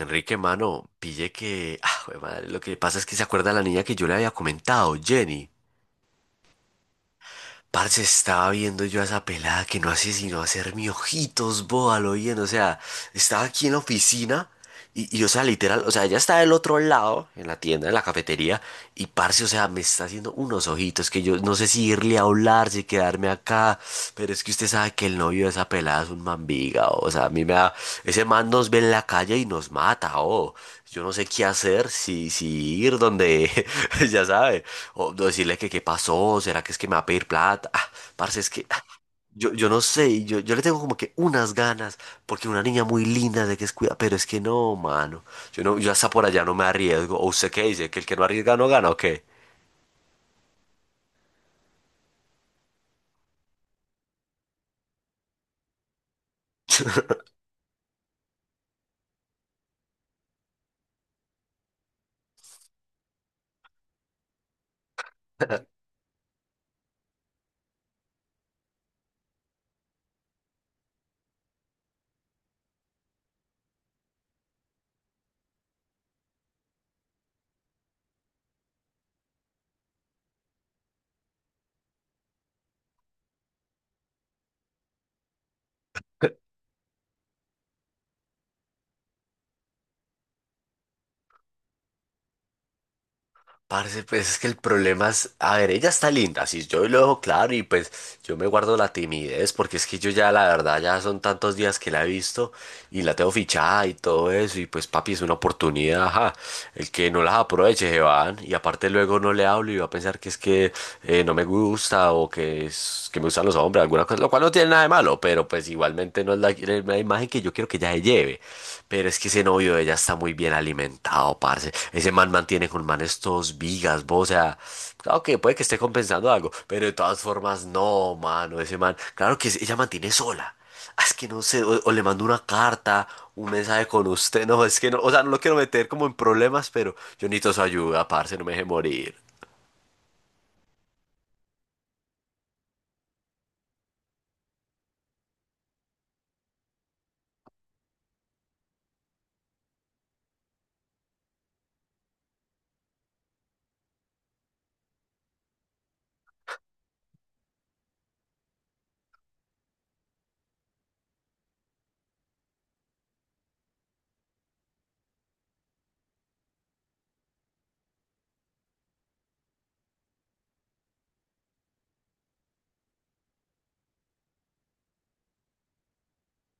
Enrique, mano, pille que, ah, jue madre, lo que pasa es que se acuerda la niña que yo le había comentado, Jenny. Parce, estaba viendo yo a esa pelada que no hace sino hacerme ojitos, boba, lo bien. O sea, estaba aquí en la oficina o sea, literal, o sea, ella está del otro lado, en la tienda, en la cafetería, y parce, o sea, me está haciendo unos ojitos que yo no sé si irle a hablar, si quedarme acá, pero es que usted sabe que el novio de esa pelada es un mambiga, o sea, a mí me da, ese man nos ve en la calle y nos mata, oh. Yo no sé qué hacer, si ir donde, ya sabe. O decirle que qué pasó, será que es que me va a pedir plata. Ah, parce, es que yo no sé, y yo le tengo como que unas ganas, porque una niña muy linda de que es cuida, pero es que no, mano. Yo no, yo hasta por allá no me arriesgo. ¿O usted qué dice? ¿Que el que no arriesga no gana o qué? Parce, pues es que el problema es, a ver, ella está linda, si yo lo dejo claro y pues yo me guardo la timidez porque es que yo ya la verdad ya son tantos días que la he visto y la tengo fichada y todo eso, y pues papi, es una oportunidad, ajá. El que no las aproveche se van, y aparte luego no le hablo y va a pensar que es que no me gusta o que es que me gustan los hombres, alguna cosa, lo cual no tiene nada de malo, pero pues igualmente no es la imagen que yo quiero que ella se lleve. Pero es que ese novio de ella está muy bien alimentado, parce. Ese man mantiene con manes todos vigas, vos, o sea, claro que puede que esté compensando algo, pero de todas formas, no, mano, ese man, claro que ella mantiene sola. Ah, es que no sé, o le mando una carta, un mensaje con usted, no, es que no, o sea, no lo quiero meter como en problemas, pero yo necesito su ayuda, parce, no me deje morir.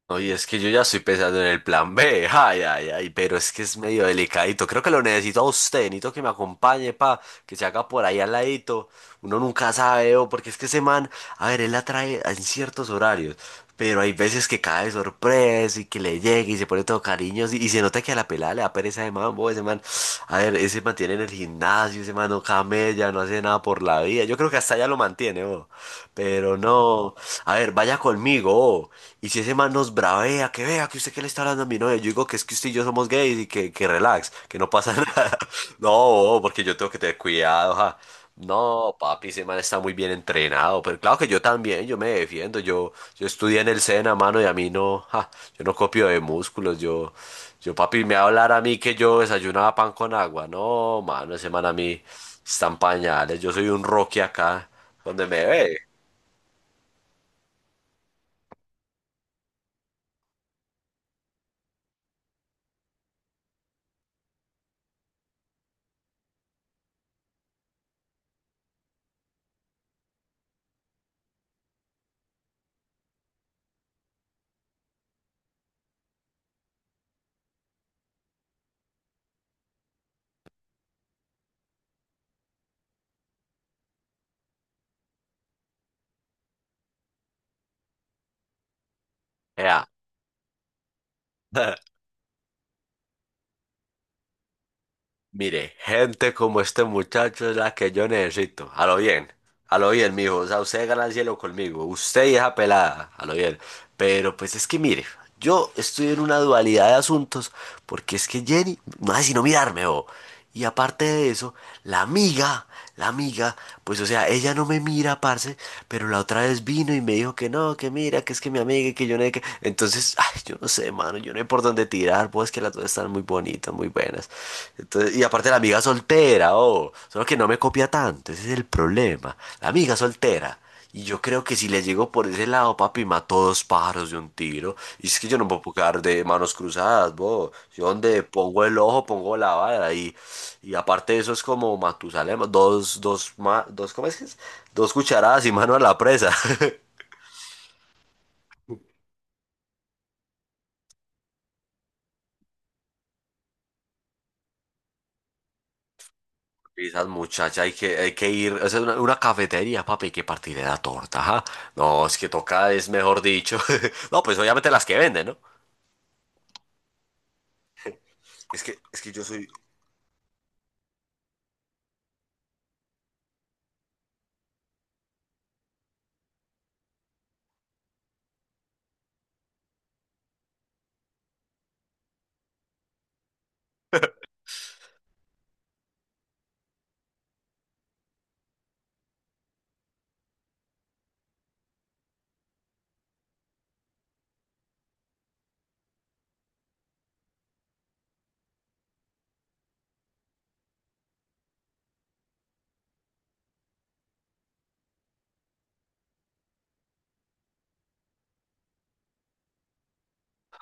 No, y es que yo ya estoy pensando en el plan B, ay, ay, ay, pero es que es medio delicadito, creo que lo necesito a usted, necesito que me acompañe, pa, que se haga por ahí al ladito uno nunca sabe, o porque es que ese man, a ver, él la trae en ciertos horarios, pero hay veces que cae de sorpresa y que le llega y se pone todo cariñoso y se nota que a la pelada le da pereza de mambo, ese man, a ver, ese mantiene en el gimnasio, ese man no camella, no hace nada por la vida, yo creo que hasta ya lo mantiene, bo, pero no, a ver, vaya conmigo, bo, y si ese man nos bravea, que vea que usted que le está hablando a mi novia, yo digo que es que usted y yo somos gays y que relax, que no pasa nada, no, bo, porque yo tengo que tener cuidado, ja. No, papi, ese man está muy bien entrenado, pero claro que yo también, yo me defiendo, yo estudié en el SENA, mano, y a mí no, ja, yo no copio de músculos, papi, me va a hablar a mí que yo desayunaba pan con agua, no, mano, ese man a mí están pañales, yo soy un Rocky acá, donde me ve, ea. Mire, gente como este muchacho es la que yo necesito. A lo bien, mijo. O sea, usted gana el cielo conmigo. Usted y esa pelada, a lo bien. Pero pues es que mire, yo estoy en una dualidad de asuntos porque es que Jenny no hace sino mirarme, bo. Y aparte de eso, la amiga, la amiga, pues o sea, ella no me mira, parce, pero la otra vez vino y me dijo que no, que mira, que es que mi amiga, y que yo no sé qué. Entonces, ay, yo no sé, mano, yo no sé por dónde tirar, pues que las dos están muy bonitas, muy buenas. Entonces, y aparte la amiga soltera, oh, solo que no me copia tanto, ese es el problema. La amiga soltera. Y yo creo que si le llego por ese lado, papi, mató dos pájaros de un tiro. Y es que yo no me puedo quedar de manos cruzadas, bo. Yo donde pongo el ojo, pongo la vara. Y aparte eso es como Matusalem, ¿cómo es que es? Dos cucharadas y mano a la presa. Y esas muchachas, hay que ir, o sea, una cafetería, papi, hay que partir de la torta, ajá. No, es que toca, es mejor dicho. No, pues obviamente las que venden, ¿no? Es que yo soy.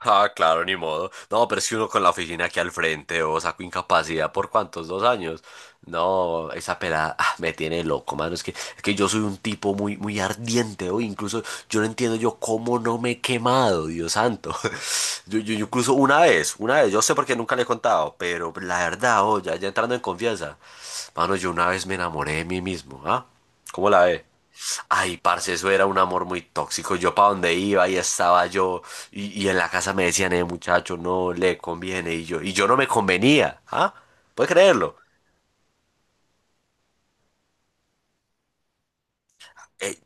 Ah, claro, ni modo. No, pero es que uno con la oficina aquí al frente, o saco incapacidad por cuántos, 2 años. No, esa pelada me tiene loco, mano. Es que yo soy un tipo muy, muy ardiente, o incluso yo no entiendo yo cómo no me he quemado, Dios santo. Yo incluso una vez, yo sé por qué nunca le he contado, pero la verdad, oh, ya, ya entrando en confianza, mano, yo una vez me enamoré de mí mismo, ¿ah? ¿Cómo la ve? Ay, parce, eso era un amor muy tóxico. Yo para donde iba y estaba yo, y en la casa me decían, muchacho, no le conviene, y yo no me convenía, ¿ah? ¿Puedes creerlo? Eh,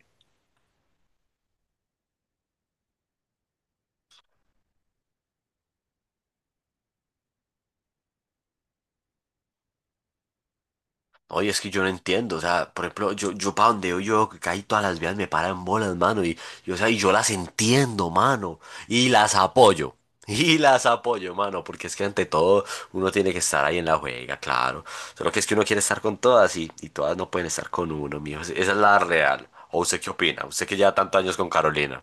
Oye, es que yo no entiendo, o sea, por ejemplo, yo para donde yo veo que casi todas las vías me paran bolas, mano, o sea, y yo las entiendo, mano, y las apoyo, y las apoyo, mano, porque es que ante todo uno tiene que estar ahí en la juega, claro, solo que es que uno quiere estar con todas y todas no pueden estar con uno, mijo, esa es la real, o usted qué opina, usted que lleva tantos años con Carolina.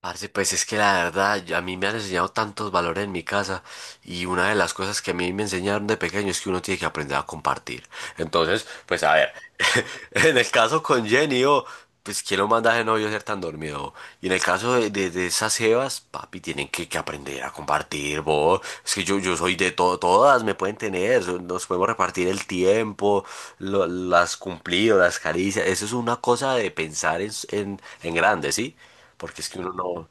Parce, pues es que la verdad, a mí me han enseñado tantos valores en mi casa y una de las cosas que a mí me enseñaron de pequeño es que uno tiene que aprender a compartir. Entonces, pues a ver, en el caso con Jenny, oh, pues ¿quién lo manda a ese novio a ser tan dormido? ¿Oh? Y en el caso de esas jevas, papi, tienen que aprender a compartir, vos. Es que yo soy de todo, todas me pueden tener, nos podemos repartir el tiempo, las cumplidos, las caricias. Eso es una cosa de pensar en grande, ¿sí? Porque es que uno no.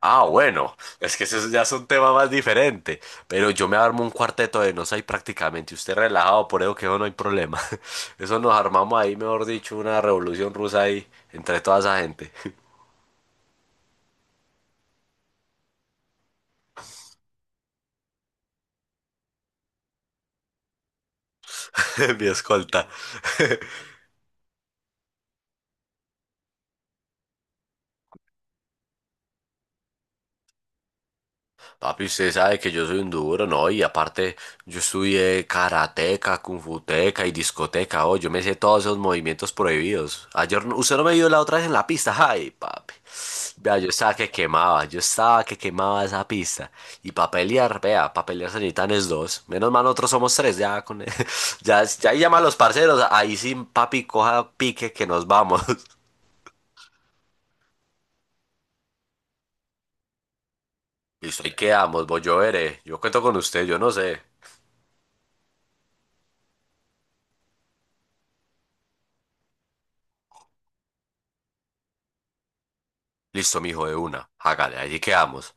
Ah, bueno, es que eso ya es un tema más diferente. Pero yo me armo un cuarteto de nos ahí prácticamente. Usted relajado, por eso que eso no hay problema. Eso nos armamos ahí, mejor dicho, una revolución rusa ahí entre toda esa gente. Mi escolta. Papi, usted sabe que yo soy un duro, ¿no? Y aparte, yo estudié karateca, kungfuteca y discoteca, oh, yo me sé todos esos movimientos prohibidos. Ayer, usted no me vio la otra vez en la pista, ay, papi. Vea, yo estaba que quemaba, yo estaba que quemaba esa pista. Y para pelear, vea, para pelear se necesitan es dos. Menos mal nosotros somos tres, ya con. Ya, ya ahí llama a los parceros, ahí sí, papi, coja pique que nos vamos. Listo, ahí quedamos, voy yo veré. Yo cuento con usted, yo no sé. Listo, mijo, de una. Hágale, allí quedamos.